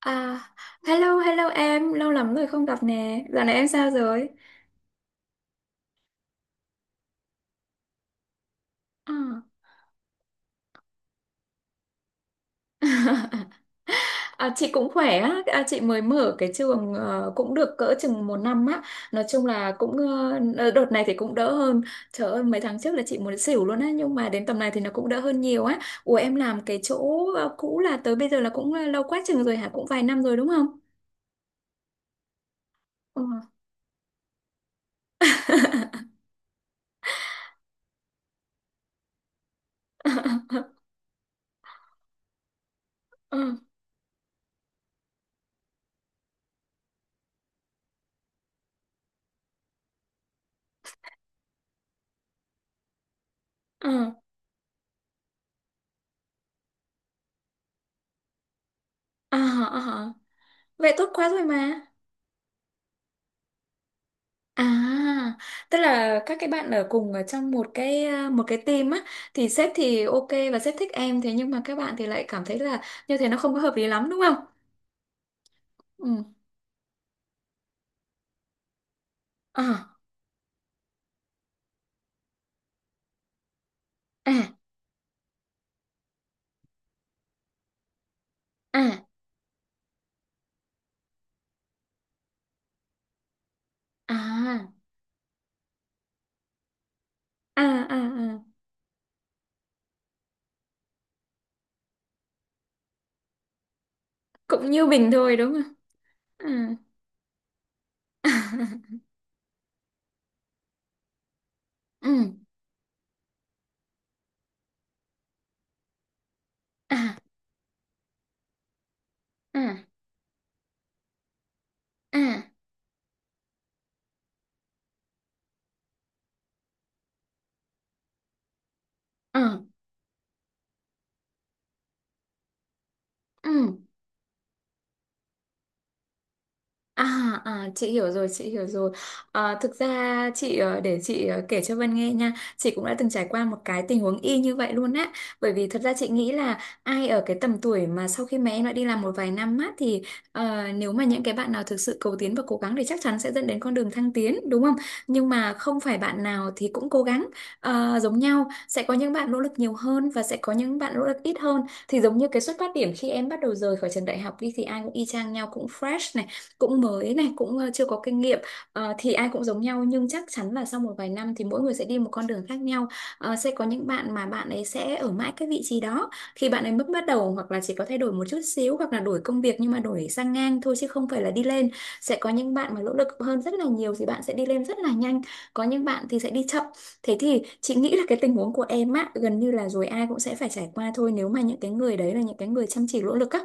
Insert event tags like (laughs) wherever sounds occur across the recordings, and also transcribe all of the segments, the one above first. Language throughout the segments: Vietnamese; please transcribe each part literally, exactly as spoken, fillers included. À, hello, hello em, lâu lắm rồi không gặp nè. Dạo này em sao rồi? À, à, chị cũng khỏe á, à, chị mới mở cái trường ờ, cũng được cỡ chừng một năm á. Nói chung là cũng ờ, ờ, đợt này thì cũng đỡ hơn. Trời ơi, mấy tháng trước là chị muốn xỉu luôn á, nhưng mà đến tầm này thì nó cũng đỡ hơn nhiều á. Ủa em làm cái chỗ ờ, cũ là tới bây giờ là cũng ờ, lâu quá chừng rồi hả? Cũng vài năm rồi đúng không? Ừ. (laughs) Ừ. Ừ. À, à, à. Vậy tốt quá rồi mà. À, tức là các cái bạn ở cùng ở trong một cái à, một cái team á, thì sếp thì ok và sếp thích em, thế nhưng mà các bạn thì lại cảm thấy là như thế nó không có hợp lý lắm đúng không? Ừ. À, à, à, à, à, à, à. Cũng như mình thôi đúng không? Ừ. (laughs) Ừ. À, à, à, à, ừ. À, à, chị hiểu rồi, chị hiểu rồi. À, thực ra chị ờ, để chị ờ, kể cho Vân nghe nha, chị cũng đã từng trải qua một cái tình huống y như vậy luôn á, bởi vì thật ra chị nghĩ là ai ở cái tầm tuổi mà sau khi mà em đã đi làm một vài năm á thì ờ, nếu mà những cái bạn nào thực sự cầu tiến và cố gắng thì chắc chắn sẽ dẫn đến con đường thăng tiến đúng không, nhưng mà không phải bạn nào thì cũng cố gắng ờ, giống nhau. Sẽ có những bạn nỗ lực nhiều hơn và sẽ có những bạn nỗ lực ít hơn, thì giống như cái xuất phát điểm khi em bắt đầu rời khỏi trường đại học đi thì ai cũng y chang nhau, cũng fresh này, cũng mới này, cũng ờ, chưa có kinh nghiệm. Ờ, thì ai cũng giống nhau nhưng chắc chắn là sau một vài năm thì mỗi người sẽ đi một con đường khác nhau. Ờ, sẽ có những bạn mà bạn ấy sẽ ở mãi cái vị trí đó khi bạn ấy mới bắt đầu, hoặc là chỉ có thay đổi một chút xíu, hoặc là đổi công việc nhưng mà đổi sang ngang thôi chứ không phải là đi lên. Sẽ có những bạn mà nỗ lực hơn rất là nhiều thì bạn sẽ đi lên rất là nhanh, có những bạn thì sẽ đi chậm. Thế thì chị nghĩ là cái tình huống của em á gần như là rồi ai cũng sẽ phải trải qua thôi, nếu mà những cái người đấy là những cái người chăm chỉ nỗ lực á,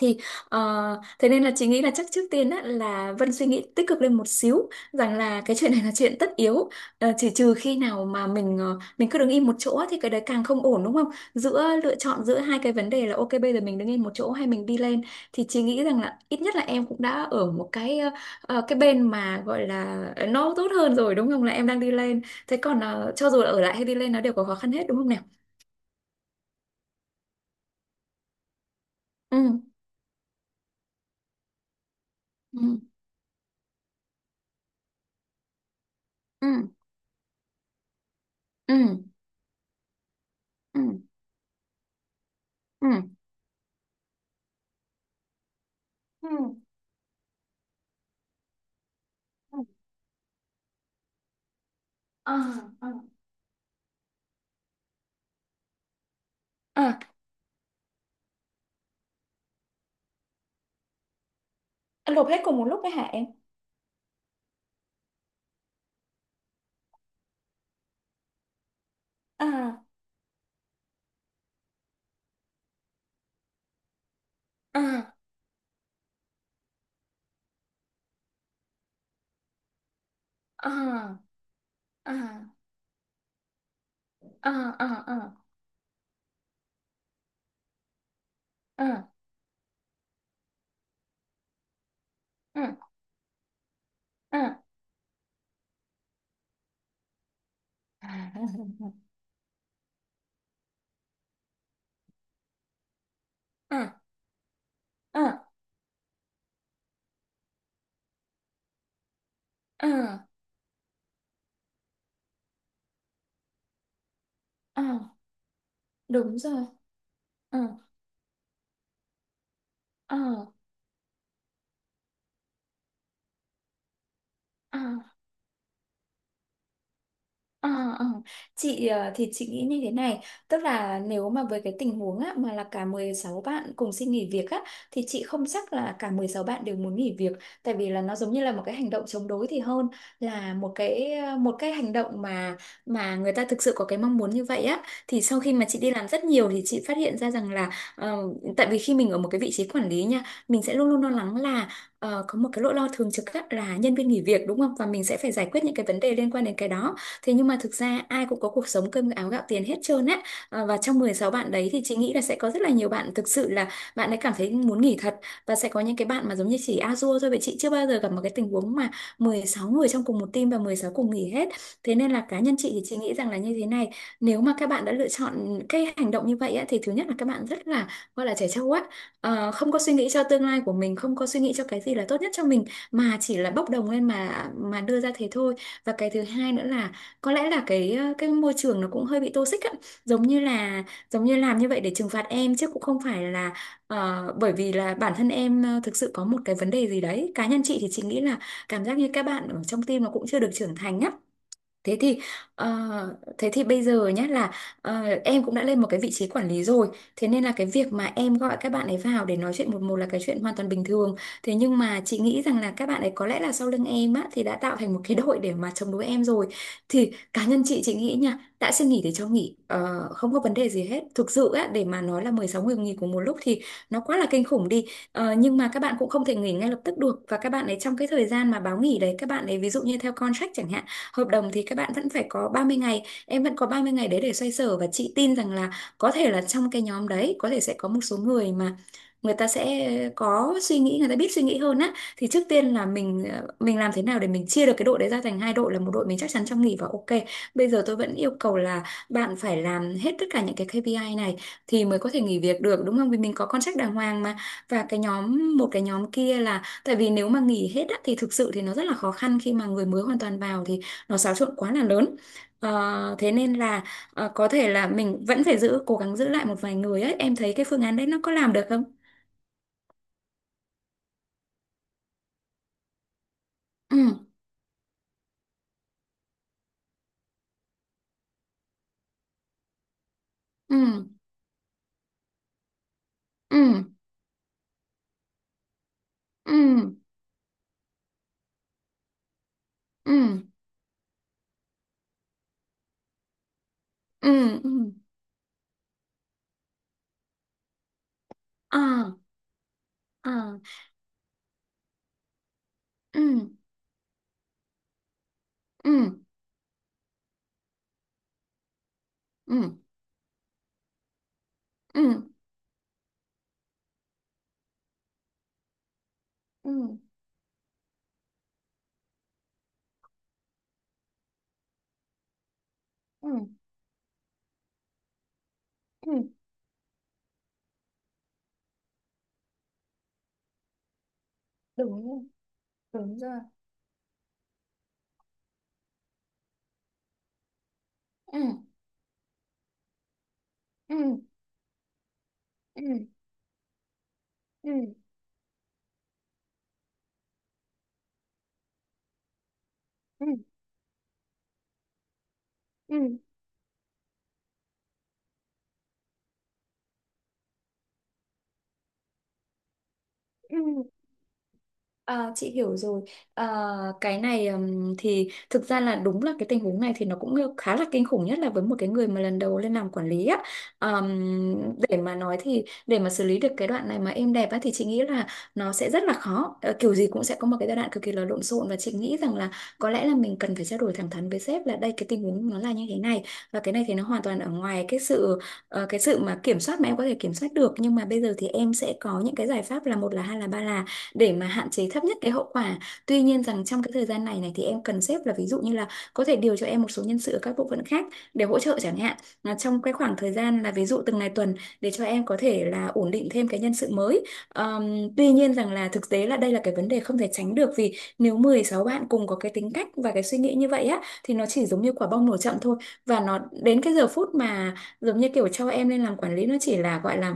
thì ờ, thế nên là chị nghĩ là chắc trước tiên á, là Vân suy nghĩ tích cực lên một xíu rằng là cái chuyện này là chuyện tất yếu. Ờ, chỉ trừ khi nào mà mình ờ, mình cứ đứng im một chỗ á, thì cái đấy càng không ổn đúng không? Giữa lựa chọn giữa hai cái vấn đề là ok bây giờ mình đứng im một chỗ hay mình đi lên, thì chị nghĩ rằng là ít nhất là em cũng đã ở một cái ờ, ờ, cái bên mà gọi là nó tốt hơn rồi đúng không, là em đang đi lên. Thế còn ờ, cho dù là ở lại hay đi lên nó đều có khó khăn hết đúng không nào? Ừ, ừ, ừ, ừ, ừ, ừ, ừ, ừ, ừ. À, anh lột hết cùng một lúc đấy hả em? À, à, à, à, à, à, à, à, à, à. (laughs) À, à, à, à, à. Đúng rồi. À, à, à. Ờ, ờ. Chị ờ, thì chị nghĩ như thế này, tức là nếu mà với cái tình huống á, mà là cả mười sáu bạn cùng xin nghỉ việc á, thì chị không chắc là cả mười sáu bạn đều muốn nghỉ việc, tại vì là nó giống như là một cái hành động chống đối thì hơn là một cái một cái hành động mà mà người ta thực sự có cái mong muốn như vậy á. Thì sau khi mà chị đi làm rất nhiều thì chị phát hiện ra rằng là ờ, tại vì khi mình ở một cái vị trí quản lý nha, mình sẽ luôn luôn lo lắng là ờ, có một cái nỗi lo thường trực á, là nhân viên nghỉ việc đúng không, và mình sẽ phải giải quyết những cái vấn đề liên quan đến cái đó. Thế nhưng mà thực ra ai cũng có cuộc sống cơm áo gạo tiền hết trơn á. Ờ, Và trong mười sáu bạn đấy thì chị nghĩ là sẽ có rất là nhiều bạn thực sự là bạn ấy cảm thấy muốn nghỉ thật, và sẽ có những cái bạn mà giống như chỉ a dua thôi. Vậy chị chưa bao giờ gặp một cái tình huống mà mười sáu người trong cùng một team và mười sáu cùng nghỉ hết. Thế nên là cá nhân chị thì chị nghĩ rằng là như thế này, nếu mà các bạn đã lựa chọn cái hành động như vậy á, thì thứ nhất là các bạn rất là, gọi là trẻ trâu á, Ờ, không có suy nghĩ cho tương lai của mình, không có suy nghĩ cho cái gì là tốt nhất cho mình, mà chỉ là bốc đồng lên mà mà đưa ra thế thôi. Và cái thứ hai nữa là có lẽ là cái ờ, cái môi trường nó cũng hơi bị toxic á, giống như là giống như làm như vậy để trừng phạt em chứ cũng không phải là ờ, bởi vì là bản thân em ờ, thực sự có một cái vấn đề gì đấy. Cá nhân chị thì chị nghĩ là cảm giác như các bạn ở trong team nó cũng chưa được trưởng thành á. Thế thì ờ, thế thì bây giờ nhé là ờ, em cũng đã lên một cái vị trí quản lý rồi, thế nên là cái việc mà em gọi các bạn ấy vào để nói chuyện một một là cái chuyện hoàn toàn bình thường. Thế nhưng mà chị nghĩ rằng là các bạn ấy có lẽ là sau lưng em á thì đã tạo thành một cái đội để mà chống đối em rồi. Thì cá nhân chị chị nghĩ nha, đã xin nghỉ thì cho nghỉ, ờ, không có vấn đề gì hết. Thực sự á, để mà nói là mười sáu người nghỉ cùng một lúc thì nó quá là kinh khủng đi. Ờ, nhưng mà các bạn cũng không thể nghỉ ngay lập tức được, và các bạn ấy trong cái thời gian mà báo nghỉ đấy, các bạn ấy ví dụ như theo contract chẳng hạn, hợp đồng, thì các bạn vẫn phải có ba mươi ngày, em vẫn có ba mươi ngày đấy để xoay sở, và chị tin rằng là có thể là trong cái nhóm đấy có thể sẽ có một số người mà người ta sẽ có suy nghĩ, người ta biết suy nghĩ hơn á, thì trước tiên là mình ờ, mình làm thế nào để mình chia được cái đội đấy ra thành hai đội, là một đội mình chắc chắn trong nghỉ và ok bây giờ tôi vẫn yêu cầu là bạn phải làm hết tất cả những cái K P I này thì mới có thể nghỉ việc được đúng không, vì mình có contract đàng hoàng mà. Và cái nhóm, một cái nhóm kia là tại vì nếu mà nghỉ hết á, thì thực sự thì nó rất là khó khăn khi mà người mới hoàn toàn vào thì nó xáo trộn quá là lớn. Ờ, thế nên là ờ, có thể là mình vẫn phải giữ, cố gắng giữ lại một vài người ấy. Em thấy cái phương án đấy nó có làm được không? Ừ, ừ, ừ, ừ, ừ, ừ, ừ, ờ, ờ, ừ, ừ, ừ, ừ, ừ, ừ, ừ. Đúng rồi, đúng rồi. Ừ, ừ, ừ, ừ, ừ, ừ, ừ, ừ. À, chị hiểu rồi. À, cái này ừm, thì thực ra là đúng là cái tình huống này thì nó cũng khá là kinh khủng, nhất là với một cái người mà lần đầu lên làm quản lý á. Ừm, để mà nói thì để mà xử lý được cái đoạn này mà êm đẹp á thì chị nghĩ là nó sẽ rất là khó. Ờ, kiểu gì cũng sẽ có một cái giai đoạn cực kỳ là lộn xộn, và chị nghĩ rằng là có lẽ là mình cần phải trao đổi thẳng thắn với sếp là đây cái tình huống nó là như thế này, và cái này thì nó hoàn toàn ở ngoài cái sự ờ, cái sự mà kiểm soát, mà em có thể kiểm soát được. Nhưng mà bây giờ thì em sẽ có những cái giải pháp là một là, hai là, ba là, để mà hạn chế thấp nhất cái hậu quả. Tuy nhiên rằng trong cái thời gian này này thì em cần xếp là, ví dụ như là có thể điều cho em một số nhân sự ở các bộ phận khác để hỗ trợ chẳng hạn. Là trong cái khoảng thời gian là ví dụ từng ngày tuần, để cho em có thể là ổn định thêm cái nhân sự mới. Ờm, tuy nhiên rằng là thực tế là đây là cái vấn đề không thể tránh được, vì nếu mười sáu bạn cùng có cái tính cách và cái suy nghĩ như vậy á thì nó chỉ giống như quả bong nổ chậm thôi, và nó đến cái giờ phút mà giống như kiểu cho em lên làm quản lý, nó chỉ là gọi là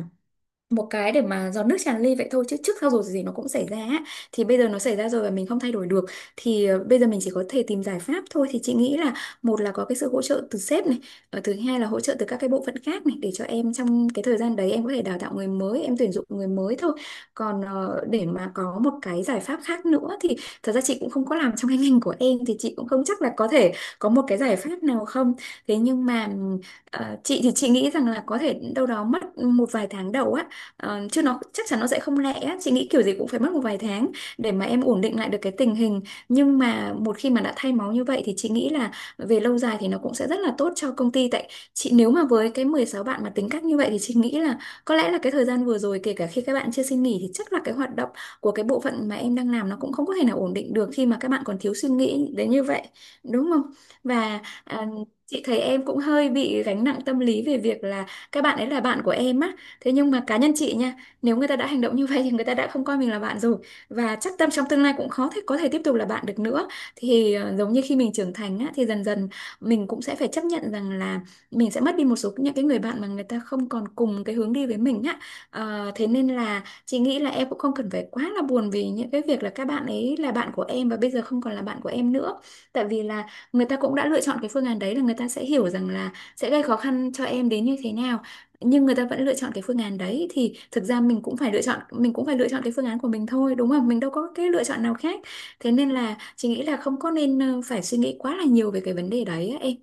một cái để mà giọt nước tràn ly vậy thôi, chứ trước sau rồi gì nó cũng xảy ra á. Thì bây giờ nó xảy ra rồi và mình không thay đổi được, thì ờ, bây giờ mình chỉ có thể tìm giải pháp thôi. Thì chị nghĩ là một là có cái sự hỗ trợ từ sếp này, ờ, thứ hai là hỗ trợ từ các cái bộ phận khác này, để cho em trong cái thời gian đấy em có thể đào tạo người mới, em tuyển dụng người mới thôi. Còn ờ, để mà có một cái giải pháp khác nữa thì thật ra chị cũng không có làm trong cái ngành của em, thì chị cũng không chắc là có thể có một cái giải pháp nào không. Thế nhưng mà ừm, ờ, chị thì chị nghĩ rằng là có thể đâu đó mất một vài tháng đầu á. Ờ, chứ nó chắc chắn nó sẽ không lẹ á. Chị nghĩ kiểu gì cũng phải mất một vài tháng để mà em ổn định lại được cái tình hình. Nhưng mà một khi mà đã thay máu như vậy thì chị nghĩ là về lâu dài thì nó cũng sẽ rất là tốt cho công ty. Tại chị nếu mà với cái mười sáu bạn mà tính cách như vậy thì chị nghĩ là có lẽ là cái thời gian vừa rồi, kể cả khi các bạn chưa xin nghỉ, thì chắc là cái hoạt động của cái bộ phận mà em đang làm nó cũng không có thể nào ổn định được khi mà các bạn còn thiếu suy nghĩ đến như vậy, đúng không? Và à, chị thấy em cũng hơi bị gánh nặng tâm lý về việc là các bạn ấy là bạn của em á. Thế nhưng mà cá nhân chị nha, nếu người ta đã hành động như vậy thì người ta đã không coi mình là bạn rồi, và chắc tâm trong tương lai cũng khó thể có thể tiếp tục là bạn được nữa. Thì ờ, giống như khi mình trưởng thành á, thì dần dần mình cũng sẽ phải chấp nhận rằng là mình sẽ mất đi một số những cái người bạn mà người ta không còn cùng cái hướng đi với mình á. Ờ, thế nên là chị nghĩ là em cũng không cần phải quá là buồn vì những cái việc là các bạn ấy là bạn của em và bây giờ không còn là bạn của em nữa. Tại vì là người ta cũng đã lựa chọn cái phương án đấy, là người ta sẽ hiểu rằng là sẽ gây khó khăn cho em đến như thế nào, nhưng người ta vẫn lựa chọn cái phương án đấy, thì thực ra mình cũng phải lựa chọn, mình cũng phải lựa chọn cái phương án của mình thôi, đúng không? Mình đâu có cái lựa chọn nào khác. Thế nên là chị nghĩ là không có nên ờ, phải suy nghĩ quá là nhiều về cái vấn đề đấy á em.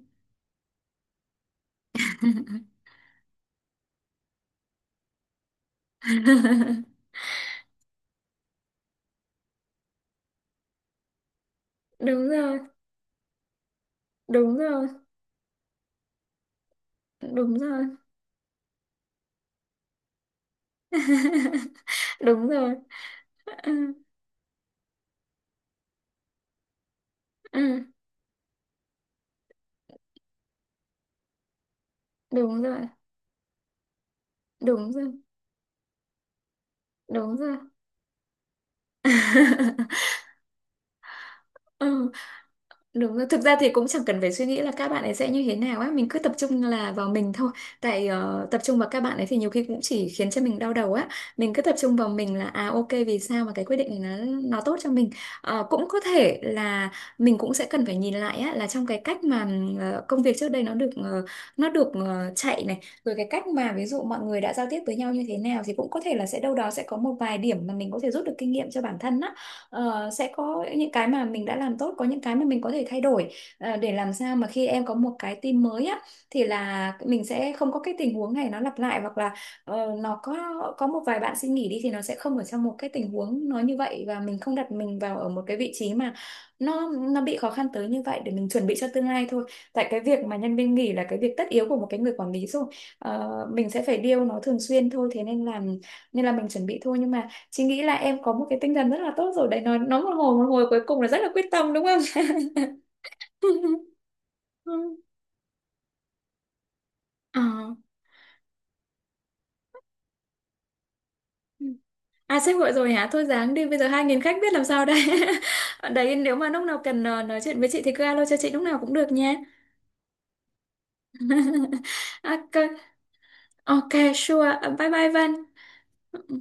(laughs) Đúng rồi, đúng rồi, đúng rồi. (laughs) Đúng rồi. Ừ, ừ, đúng rồi, đúng rồi, đúng rồi. (laughs) Ừ. Đúng rồi. Thực ra thì cũng chẳng cần phải suy nghĩ là các bạn ấy sẽ như thế nào á, mình cứ tập trung là vào mình thôi. Tại ờ, tập trung vào các bạn ấy thì nhiều khi cũng chỉ khiến cho mình đau đầu á. Mình cứ tập trung vào mình là, à ok, vì sao mà cái quyết định này nó nó tốt cho mình. Ờ, cũng có thể là mình cũng sẽ cần phải nhìn lại á, là trong cái cách mà ờ, công việc trước đây nó được ờ, nó được ờ, chạy này, rồi cái cách mà ví dụ mọi người đã giao tiếp với nhau như thế nào, thì cũng có thể là sẽ đâu đó sẽ có một vài điểm mà mình có thể rút được kinh nghiệm cho bản thân á. Ờ, sẽ có những cái mà mình đã làm tốt, có những cái mà mình có thể thay đổi, ờ, để làm sao mà khi em có một cái team mới á thì là mình sẽ không có cái tình huống này nó lặp lại, hoặc là ờ, nó có có một vài bạn xin nghỉ đi thì nó sẽ không ở trong một cái tình huống nó như vậy, và mình không đặt mình vào ở một cái vị trí mà nó nó bị khó khăn tới như vậy. Để mình chuẩn bị cho tương lai thôi, tại cái việc mà nhân viên nghỉ là cái việc tất yếu của một cái người quản lý rồi. Ờ, mình sẽ phải điều nó thường xuyên thôi, thế nên là nên là mình chuẩn bị thôi. Nhưng mà chị nghĩ là em có một cái tinh thần rất là tốt rồi đấy, nói nói một hồi, một hồi cuối cùng là rất là quyết tâm, đúng không? (laughs) Ờ. À sếp gọi rồi hả? Thôi dáng đi, bây giờ hai nghìn khách biết làm sao đây. (laughs) Đấy nếu mà lúc nào cần ờ, nói chuyện với chị thì cứ alo cho chị lúc nào cũng được nha. (laughs) Ok, ok, sure. Ờ, bye bye Văn. Ừ.